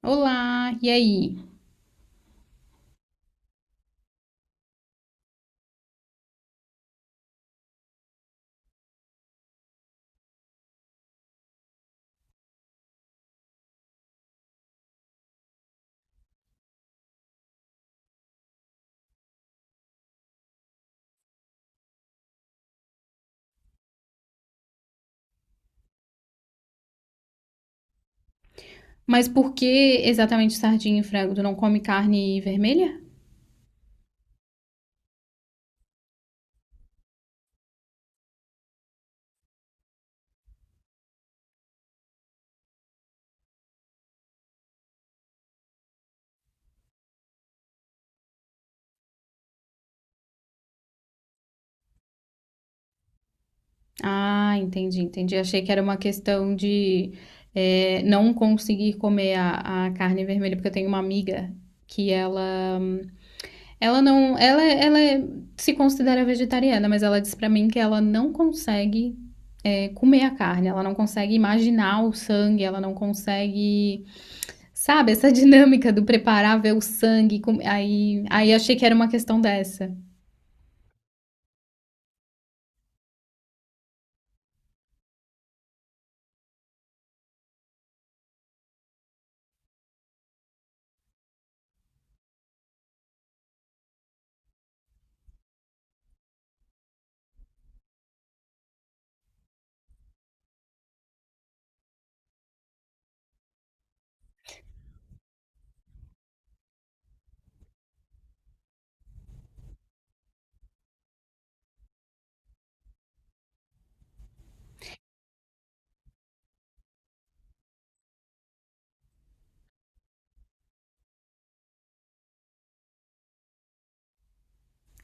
Olá, e aí? Mas por que exatamente sardinha e frango? Tu não come carne vermelha? Ah, entendi, entendi. Achei que era uma questão de não conseguir comer a carne vermelha, porque eu tenho uma amiga que ela não, ela, ela se considera vegetariana, mas ela disse pra mim que ela não consegue comer a carne, ela não consegue imaginar o sangue, ela não consegue. Sabe, essa dinâmica do preparar, ver o sangue, aí achei que era uma questão dessa.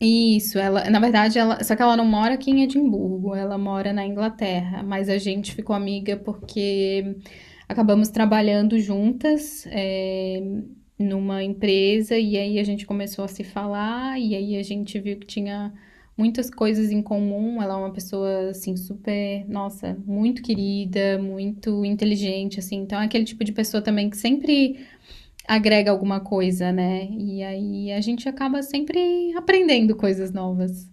Isso, ela, na verdade, ela, só que ela não mora aqui em Edimburgo, ela mora na Inglaterra, mas a gente ficou amiga porque acabamos trabalhando juntas numa empresa, e aí a gente começou a se falar e aí a gente viu que tinha muitas coisas em comum. Ela é uma pessoa assim super, nossa, muito querida, muito inteligente assim. Então é aquele tipo de pessoa também que sempre agrega alguma coisa, né? E aí a gente acaba sempre aprendendo coisas novas.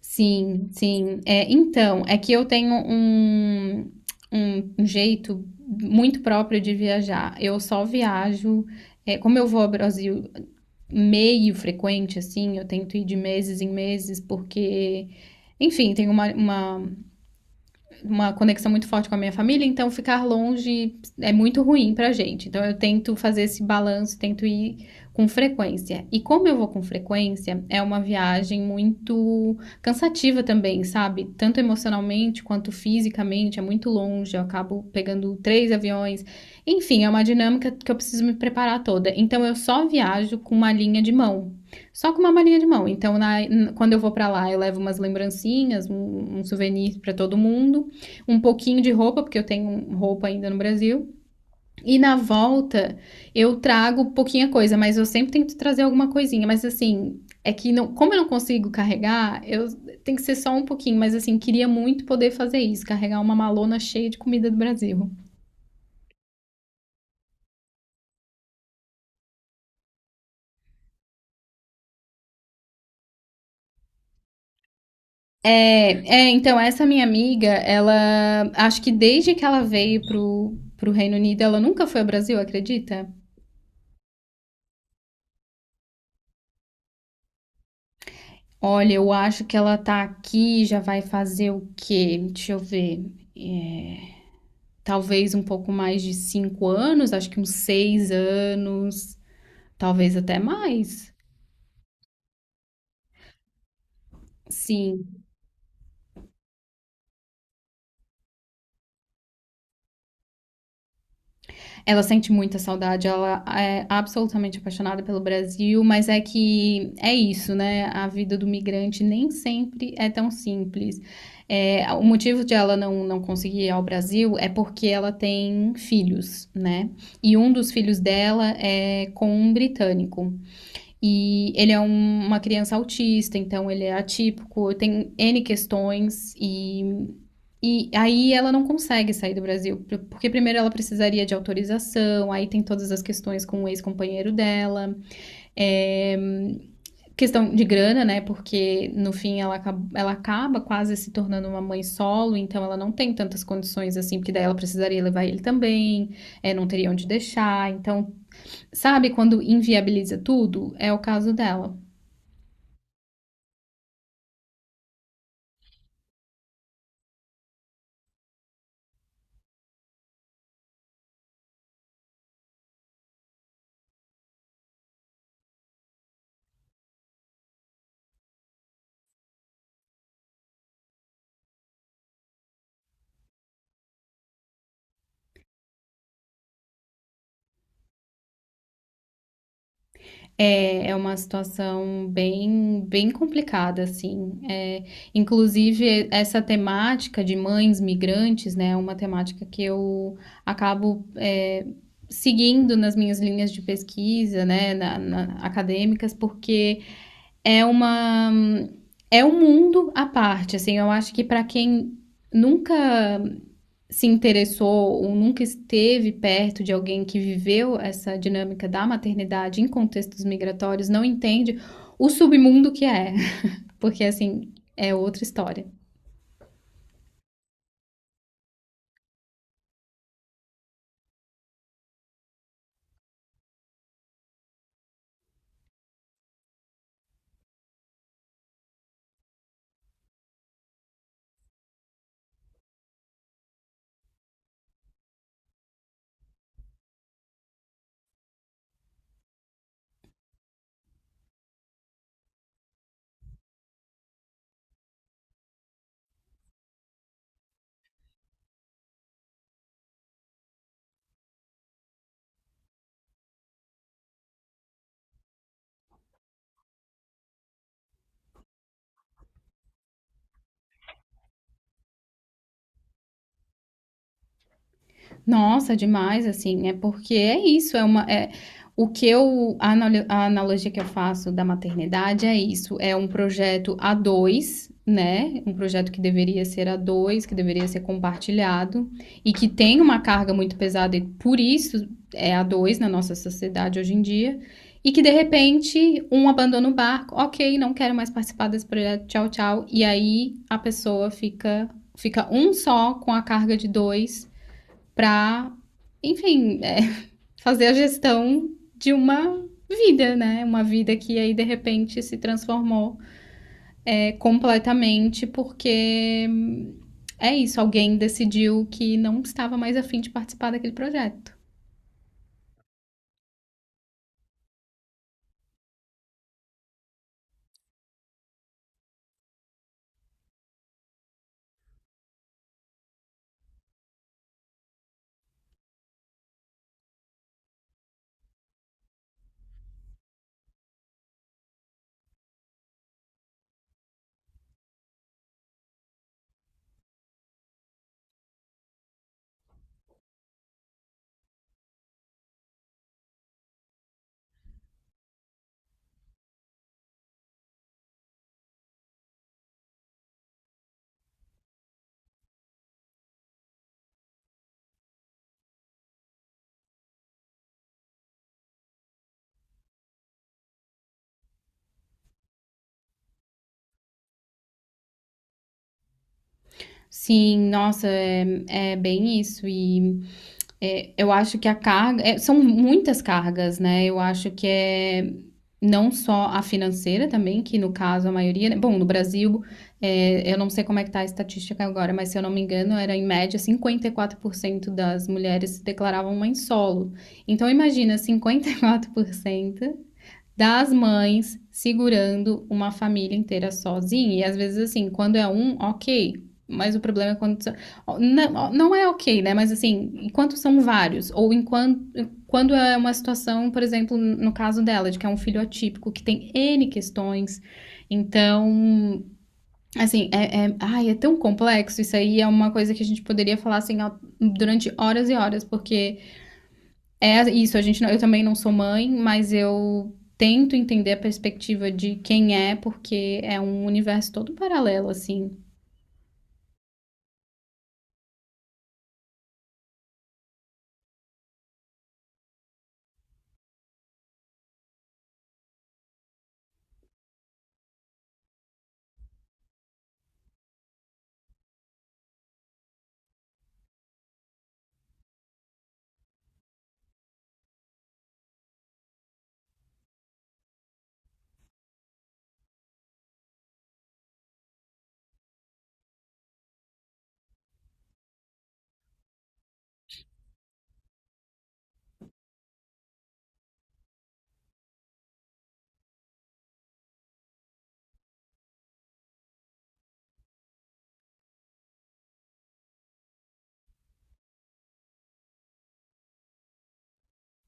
Sim, sim. É, então, é que eu tenho um, um jeito muito próprio de viajar. Eu só viajo, como eu vou ao Brasil meio frequente, assim, eu tento ir de meses em meses, porque, enfim, tem uma, uma conexão muito forte com a minha família, então ficar longe é muito ruim pra gente. Então eu tento fazer esse balanço, tento ir com frequência. E como eu vou com frequência, é uma viagem muito cansativa também, sabe? Tanto emocionalmente quanto fisicamente, é muito longe, eu acabo pegando três aviões. Enfim, é uma dinâmica que eu preciso me preparar toda. Então eu só viajo com uma linha de mão. Só com uma malinha de mão. Então, quando eu vou pra lá, eu levo umas lembrancinhas, um souvenir pra todo mundo, um pouquinho de roupa, porque eu tenho roupa ainda no Brasil. E na volta eu trago pouquinha coisa, mas eu sempre tento trazer alguma coisinha. Mas assim, é que não, como eu não consigo carregar, eu tem que ser só um pouquinho, mas assim, queria muito poder fazer isso, carregar uma malona cheia de comida do Brasil. É, é então essa minha amiga, ela acho que desde que ela veio pro Reino Unido, ela nunca foi ao Brasil, acredita? Olha, eu acho que ela tá aqui, já vai fazer o quê? Deixa eu ver. Talvez um pouco mais de cinco anos, acho que uns seis anos, talvez até mais. Sim, ela sente muita saudade, ela é absolutamente apaixonada pelo Brasil, mas é que é isso, né? A vida do migrante nem sempre é tão simples. É, o motivo de ela não, não conseguir ir ao Brasil é porque ela tem filhos, né? E um dos filhos dela é com um britânico. E ele é um- uma criança autista, então ele é atípico, tem N questões e aí ela não consegue sair do Brasil, porque primeiro ela precisaria de autorização, aí tem todas as questões com o ex-companheiro dela, é, questão de grana, né? Porque no fim ela acaba quase se tornando uma mãe solo, então ela não tem tantas condições assim, porque daí ela precisaria levar ele também, é, não teria onde deixar, então, sabe quando inviabiliza tudo? É o caso dela. É, é uma situação bem, bem complicada, assim. É, inclusive, essa temática de mães migrantes, né, é uma temática que eu acabo, seguindo nas minhas linhas de pesquisa, né, acadêmicas, porque é uma, é um mundo à parte, assim. Eu acho que para quem nunca se interessou ou nunca esteve perto de alguém que viveu essa dinâmica da maternidade em contextos migratórios não entende o submundo que é, porque assim é outra história. Nossa, demais, assim, é porque é isso, é uma, é, o que eu, a analogia que eu faço da maternidade é isso, é um projeto a dois, né? Um projeto que deveria ser a dois, que deveria ser compartilhado e que tem uma carga muito pesada e por isso é a dois na nossa sociedade hoje em dia. E que de repente um abandona o barco, ok, não quero mais participar desse projeto, tchau, tchau. E aí a pessoa fica, fica um só com a carga de dois para, enfim, fazer a gestão de uma vida, né? Uma vida que aí de repente se transformou é, completamente porque é isso, alguém decidiu que não estava mais afim de participar daquele projeto. Sim, nossa, é, é bem isso. E eu acho que a carga. É, são muitas cargas, né? Eu acho que é não só a financeira também, que no caso a maioria, né? Bom, no Brasil, eu não sei como é que tá a estatística agora, mas se eu não me engano, era em média 54% das mulheres se declaravam mãe solo. Então imagina, 54% das mães segurando uma família inteira sozinha. E às vezes, assim, quando é um, ok. Mas o problema é quando. Não, não é ok, né? Mas assim, enquanto são vários, ou enquanto. Quando é uma situação, por exemplo, no caso dela, de que é um filho atípico, que tem N questões. Então, assim, ai, é tão complexo. Isso aí é uma coisa que a gente poderia falar assim, durante horas e horas, porque é isso, a gente não- eu também não sou mãe, mas eu tento entender a perspectiva de quem é, porque é um universo todo paralelo, assim.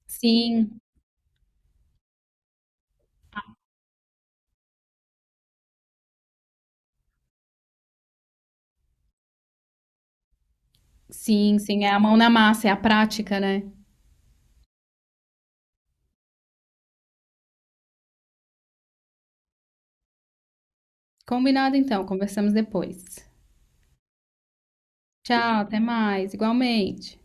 Sim, sim, sim, é a mão na massa, é a prática, né? Combinado então, conversamos depois. Tchau, até mais, igualmente.